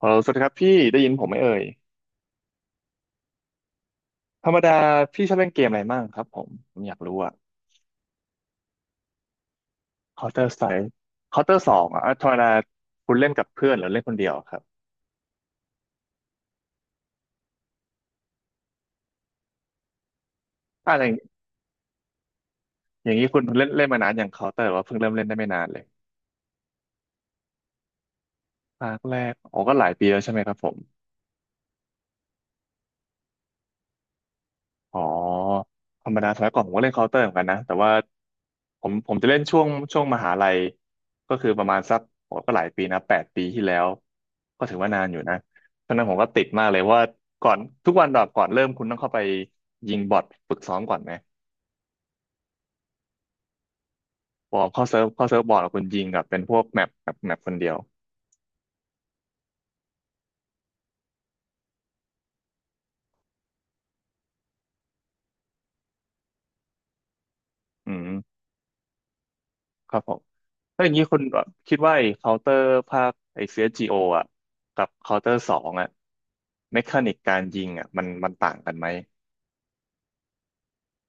ฮัลโหลสวัสดีครับพี่ได้ยินผมไหมเอ่ยธรรมดาพี่ชอบเล่นเกมอะไรมั่งครับผมอยากรู้อะ Counter Strike Counter สองอะธรรมดาคุณเล่นกับเพื่อนหรือเล่นคนเดียวครับอะไรอย่างอย่างนี้คุณเล่นเล่นมานานอย่าง Counter หรือว่าเพิ่งเริ่มเล่นได้ไม่นานเลยภาคแรกอ๋อก็หลายปีแล้วใช่ไหมครับผม อ๋อธรรมดาสมัยก่อนผมก็เล่นเคาน์เตอร์เหมือนกันนะแต่ว่าผมจะเล่นช่วงมหาลัยก็คือประมาณสักโอ้ก็หลายปีนะ8 ปีที่แล้วก็ถือว่านานอยู่นะตอนนั้นผมก็ติดมากเลยว่าก่อนทุกวันดอบก่อนเริ่มคุณต้องเข้าไปยิงบอทฝึกซ้อมก่อนไหมพอเข้าเซิร์ฟบอทคุณยิงกับเป็นพวกแมปคนเดียวอืมครับผมแล้วอย่างนี้คุณคิดว่าไอ้เคาน์เตอร์ภาคไอ้ CSGO อสจีโออ่ะกับเคาน์เตอร์สองอ่ะเมคานิกการยิงอ่ะมันต่างกันไหม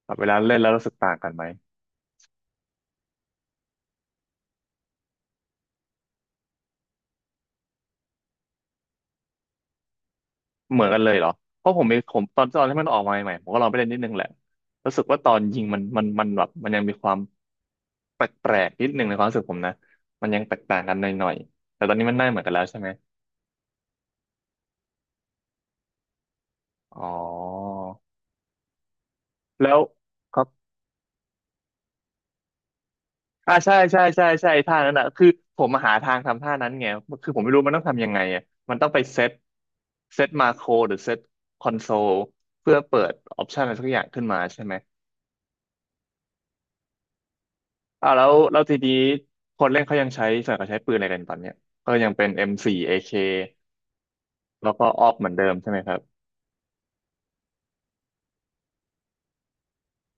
แบบเวลาเล่นแล้วรู้สึกต่างกันไหมเหมือนกันเลยเหรอเพราะผมมีผมตอนที่มันออกมาใหม่ๆผมก็ลองไปเล่นนิดนึงแหละรู้สึกว่าตอนยิงมันแบบมันยังมีความแปลกๆนิดนึงในความรู้สึกผมนะมันยังแตกต่างกันหน่อยๆแต่ตอนนี้มันได้เหมือนกันแล้วใช่ไหมอ๋อแล้วครับอ่าใช่ใช่ใช่ใช่ท่านั้นอ่ะคือผมมาหาทางทำท่านั้นไงคือผมไม่รู้มันต้องทำยังไงอะมันต้องไปเซตเซตมาโครหรือเซตคอนโซลเพื่อเปิดออปชันอะไรสักอย่างขึ้นมาใช่ไหม อ่าแล้วทีนี้คนเล่นเขายังใช้ส่วนใหญ่เขาใช้ปืนอะไรกันตอนเนี้ยก็ยังเป็น M4 AK แล้วก็ออกเหมือนเดิมใช่ไหมครับ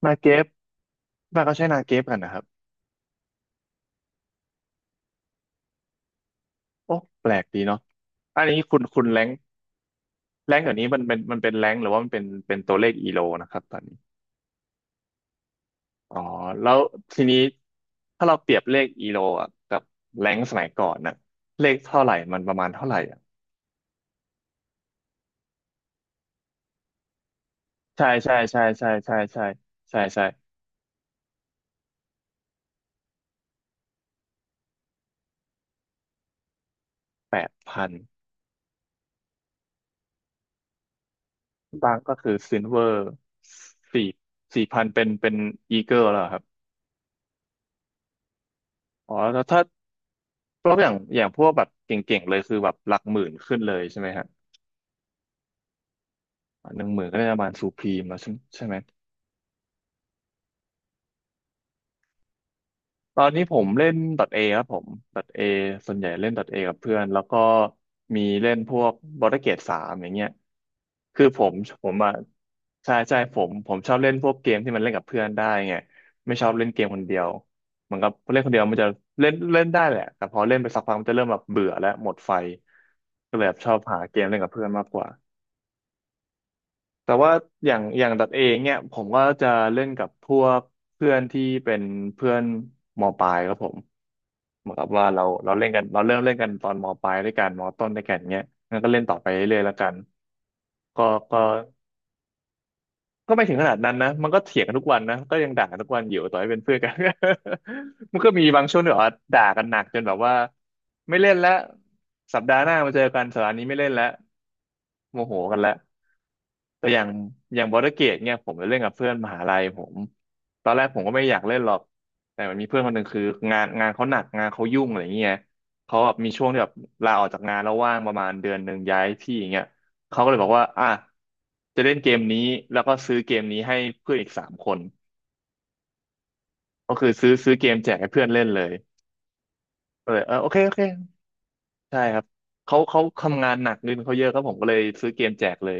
นาเกฟบ้านเขาใช้นาเกฟกันนะครับโอ้แปลกดีเนาะอันนี้คุณแรงแรงเดี๋ยวนี้มันเป็นแรงหรือว่ามันเป็นตัวเลขอีโลนะครับตอนนี้อ๋อแล้วทีนี้ถ้าเราเปรียบเลขอีโลอ่ะกับแรงสมัยก่อนน่ะเลขเท่าไหร่มันประมาณเท่าไหร่อ่ะใช่ใช่ใช่ใช่ใช่ใช่ใช่ใช่8,000 บางก็คือซิลเวอร์สี่สี่พันเป็นอีเกิลแล้วครับอ๋อแล้วถ้าเพราะอย่างพวกแบบเก่งๆเลยคือแบบหลักหมื่นขึ้นเลยใช่ไหมฮะ10,000ก็ได้ประมาณสูพรีมแล้วใช่ใช่ไหม ตอนนี้ผมเล่น .A ครับผม .A ส่วนใหญ่เล่น .A กับเพื่อนแล้วก็มีเล่นพวก b a r d e r Gate สามอย่างเงี้ยคือผมอ่ะใช่ใช่ผมชอบเล่นพวกเกมที่มันเล่นกับเพื่อนได้ไงไม่ชอบเล่นเกมคนเดียวเหมือนกับเล่นคนเดียวมันจะเล่นเล่นได้แหละแต่พอเล่นไปสักพักมันจะเริ่มแบบเบื่อและหมดไฟก็เลยแบบชอบหาเกมเล่นกับเพื่อนมากกว่า แต่ว่าอย่างดัดเองเนี่ยผมก็จะเล่นกับพวกเพื่อนที่เป็นเพื่อนมปลายครับผมเหมือนกับว่าเราเล่นกันเราเริ่มเล่นกันตอนมปลายด้วยกันมต้นด้วยกันเนี่ยงั้นก็เล่นต่อไปเรื่อยๆแล้วกันก็ก็ไม่ถึงขนาดนั้นนะมันก็เถียงกันทุกวันนะก็ยังด่ากันทุกวันอยู่ต่อให้เป็นเพื่อนกัน มันก็มีบางช่วงที่แบบว่าด่ากันหนักจนแบบว่าไม่เล่นแล้วสัปดาห์หน้ามาเจอกันสัปดาห์นี้ไม่เล่นแล้วโมโหกันแล้ว แต่อย่างบอร์ดเกตเนี่ยผมไปเล่นกับเพื่อนมหาลัยผมตอนแรกผมก็ไม่อยากเล่นหรอกแต่มันมีเพื่อนคนหนึ่งคืองานเขาหนักงานเขายุ่งอะไรเงี้ยเขาแบบมีช่วงที่แบบลาออกจากงานแล้วว่างประมาณเดือนหนึ่งย้ายที่อย่างเงี้ยเขาก็เลยบอกว่าอ่ะจะเล่นเกมนี้แล้วก็ซื้อเกมนี้ให้เพื่อนอีกสามคนก็คือซื้อเกมแจกให้เพื่อนเล่นเลยก็เลยเออโอเคโอเคใช่ครับเขาทำงานหนักเงินเขาเยอะครับผมก็เลยซื้อเกมแจกเลย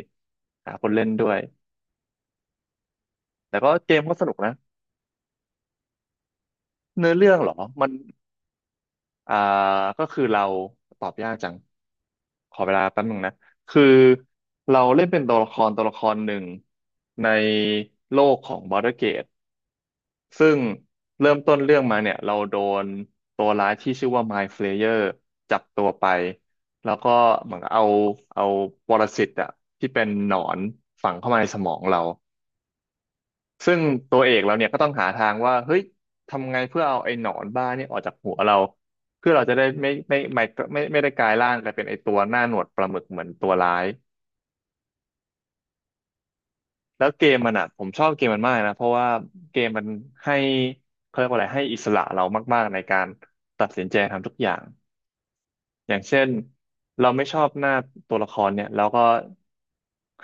หาคนเล่นด้วยแต่ก็เกมก็สนุกนะ เนื้อเรื่องเหรอ มันอ่าก็คือเราตอบยากจัง ขอเวลาแป๊บนึงนะ คือเราเล่นเป็นตัวละครหนึ่งในโลกของ Baldur's Gate ซึ่งเริ่มต้นเรื่องมาเนี่ยเราโดนตัวร้ายที่ชื่อว่า Mind Flayer จับตัวไป แล้วก็เหมือนเอาปรสิตอะที่เป็นหนอนฝังเข้ามาในสมองเรา ซึ่งตัวเอกเราเนี่ยก็ต้องหาทางว่าเฮ้ยทำไงเพื่อเอาไอ้หนอนบ้าเนี่ยออกจากหัวเราเพื่อเราจะได้ไม่ได้กลายร่างกลายเป็นไอ้ตัวหน้าหนวดปลาหมึกเหมือนตัวร้ายแล้วเกมมันอ่ะผมชอบเกมมันมากนะเพราะว่าเกมมันให้เขาเรียกว่าอะไรให้อิสระเรามากๆในการตัดสินใจทำทุกอย่าง อย่างเช่นเราไม่ชอบหน้าตัวละครเนี่ยเราก็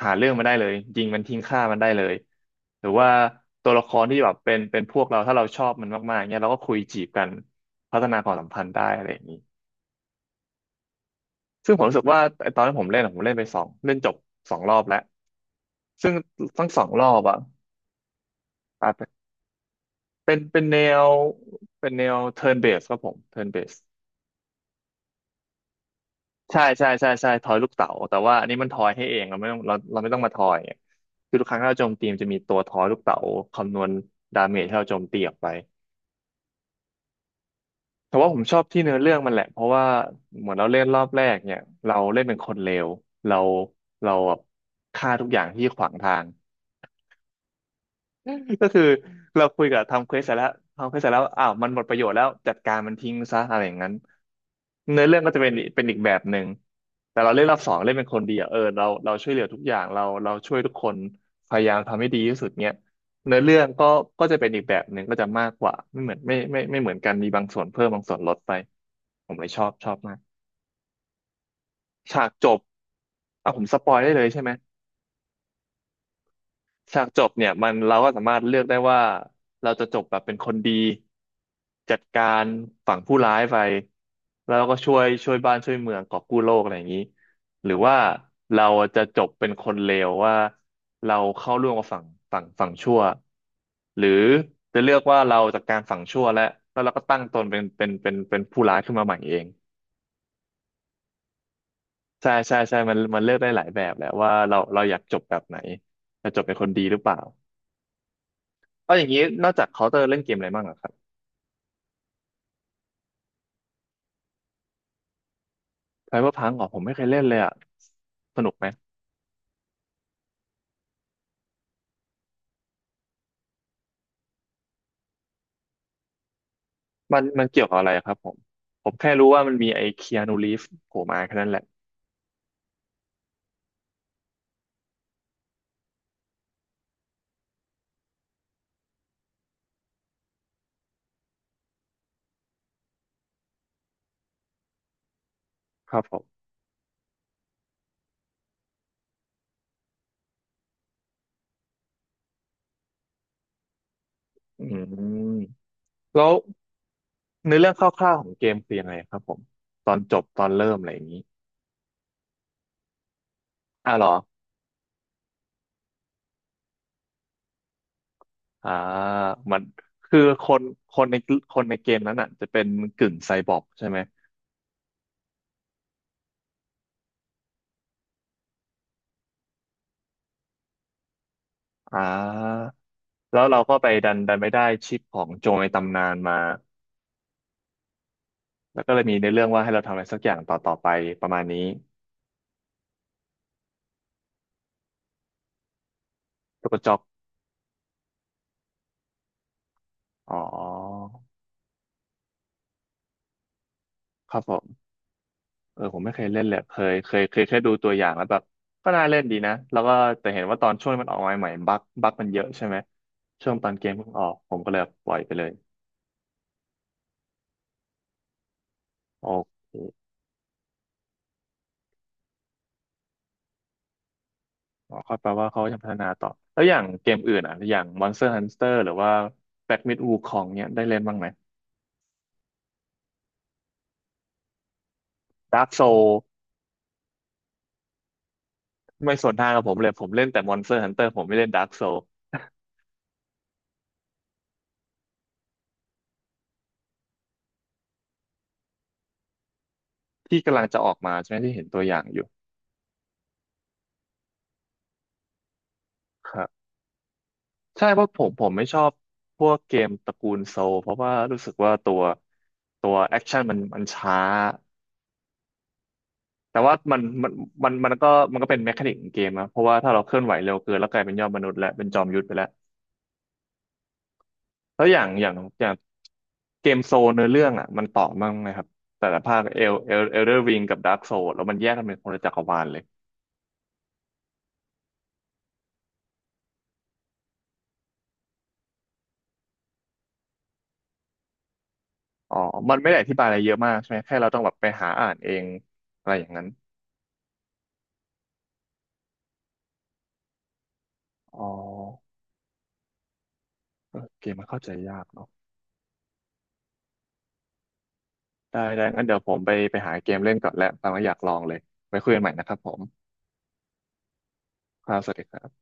หาเรื่องมันได้เลยยิงมันทิ้งฆ่ามันได้เลยหรือว่าตัวละครที่แบบเป็นพวกเราถ้าเราชอบมันมากๆเนี่ยเราก็คุยจีบกันพัฒนาความสัมพันธ์ได้อะไรอย่างนี้ซึ่งผมรู้สึกว่าไอ้ตอนที่ผมเล่นอะผมเล่นไปสองเล่นจบสองรอบแล้วซึ่งทั้งสองรอบอ่ะอาจจะเป็นวเป็นแนว turn base ครับผม turn base ใช่ใช่ใช่ใช่ทอยลูกเต๋าแต่ว่าอันนี้มันทอยให้เองเราไม่ต้องเราไม่ต้องมาทอยเนี่ยคือทุกครั้งที่เราโจมตีมันจะมีตัวทอยลูกเต๋าคำนวณดาเมจที่เราโจมตีออกไปแต่ว่าผมชอบที่เนื้อเรื่องมันแหละเพราะว่าเหมือนเราเล่นรอบแรกเนี่ยเราเล่นเป็นคนเลวเราเราแบบฆ่าทุกอย่างที่ขวางทาง ก็คือเราคุยกับทำเควสเสร็จแล้วทำเควสเสร็จแล้วอ้าวมันหมดประโยชน์แล้วจัดการมันทิ้งซะอะไรอย่างนั้นเนื้อเรื่องก็จะเป็นอีกแบบหนึ่งแต่เราเล่นรอบสองเล่นเป็นคนดีอะเออเราช่วยเหลือทุกอย่างเราช่วยทุกคนพยายามทำให้ดีที่สุดเนี้ยเนื้อเรื่องก็จะเป็นอีกแบบหนึ่งก็จะมากกว่าไม่เหมือนไม่เหมือนกันมีบางส่วนเพิ่มบางส่วนลดไปผมเลยชอบมากฉากจบผมสปอยได้เลยใช่ไหม ฉากจบเนี่ยมันเราก็สามารถเลือกได้ว่าเราจะจบแบบเป็นคนดีจัดการฝั่งผู้ร้ายไปแล้วเราก็ช่วยบ้านช่วยเมืองกอบกู้โลกอะไรอย่างนี้หรือว่าเราจะจบเป็นคนเลวว่าเราเข้าร่วมกับฝั่งชั่วหรือจะเลือกว่าเราจัดการฝั่งชั่วแล้วแล้วเราก็ตั้งตนเป็นผู้ร้ายขึ้นมาใหม่เองใช่ใช่ใช่มันมันเลือกได้หลายแบบแหละว่าเราอยากจบแบบไหนจะจบเป็นคนดีหรือเปล่า เอาอย่างนี้นอกจากเคาน์เตอร์เล่นเกมอะไรบ้างอะครับไซเบอร์พังอ๋อผมไม่เคยเล่นเลยอะสนุกไหมมันมันเกี่ยวกับอะไรอะครับผมแค่รู้ว่ามันมีไอ้คีอานูรีฟโผล่มาแค่นั้นแหละครับผมอืมแล้วเนื้อเรื่องคร่าวๆของเกมคือยังไงครับผมตอนจบตอนเริ่มอะไรอย่างนี้อ่ะเหรออ่ามันคือคนคนในคนในเกมนั้นอ่ะจะเป็นกึ่งไซบอร์กใช่ไหมอ่าแล้วเราก็ไปดันไปได้ชิปของโจรในตำนานมา แล้วก็เลยมีในเรื่องว่าให้เราทำอะไรสักอย่างต่อไปประมาณนี้ตูวกระจอกอ๋อครับผมเออผมไม่เคยเล่นเลยเคยแค่ดูตัวอย่างแล้วแบบก็น่าเล่นดีนะแล้วก็แต่เห็นว่าตอนช่วงมันออกมาใหม่ๆบั๊กมันเยอะใช่ไหมช่วงตอนเกมเพิ่งออกผมก็เลยปล่อยไปเลยโอเคอ๋อก็แปลว่าเขาจะพัฒนาต่อแล้วอย่างเกมอื่นอ่ะอย่าง Monster Hunter หรือว่า Black Myth Wukong เนี่ยได้เล่นบ้างไหม Dark Soul ไม่สวนทางกับผมเลยผมเล่นแต่ Monster Hunter ผมไม่เล่น Dark Soul ที่กำลังจะออกมาใช่ไหมที่เห็นตัวอย่างอยู่ครับใช่เพราะผมไม่ชอบพวกเกมตระกูลโซลเพราะว่ารู้สึกว่าตัวตัวแอคชั่นมันช้าแต่ว่ามันก็มันก็เป็นแมคานิกของเกมนะเพราะว่าถ้าเราเคลื่อนไหวเร็วเกินแล้วกลายเป็นยอดมนุษย์และเป็นจอมยุทธไปแล้วแล้วอย่างเกมโซลเนื้อเรื่องอ่ะมันต่อมั่งไหมครับแต่ละภาคเอลเดอร์ริงกับดาร์กโซลแล้วมันแยกกันเป็นคนละจักรวาลเลยอ๋อมันไม่ได้อธิบายอะไรเยอะมากใช่ไหมแค่เราต้องแบบไปหาอ่านเองอะไรอย่างนั้นอ๋อ เออเกมมันเข้าใจยากเนาะได้ได้งั้นเดี๋ยวผมไปหาเกมเล่นก่อนแล้วตามมาอยากลองเลยไว้คุยกันใหม่นะครับผมครับสวัสดีครับ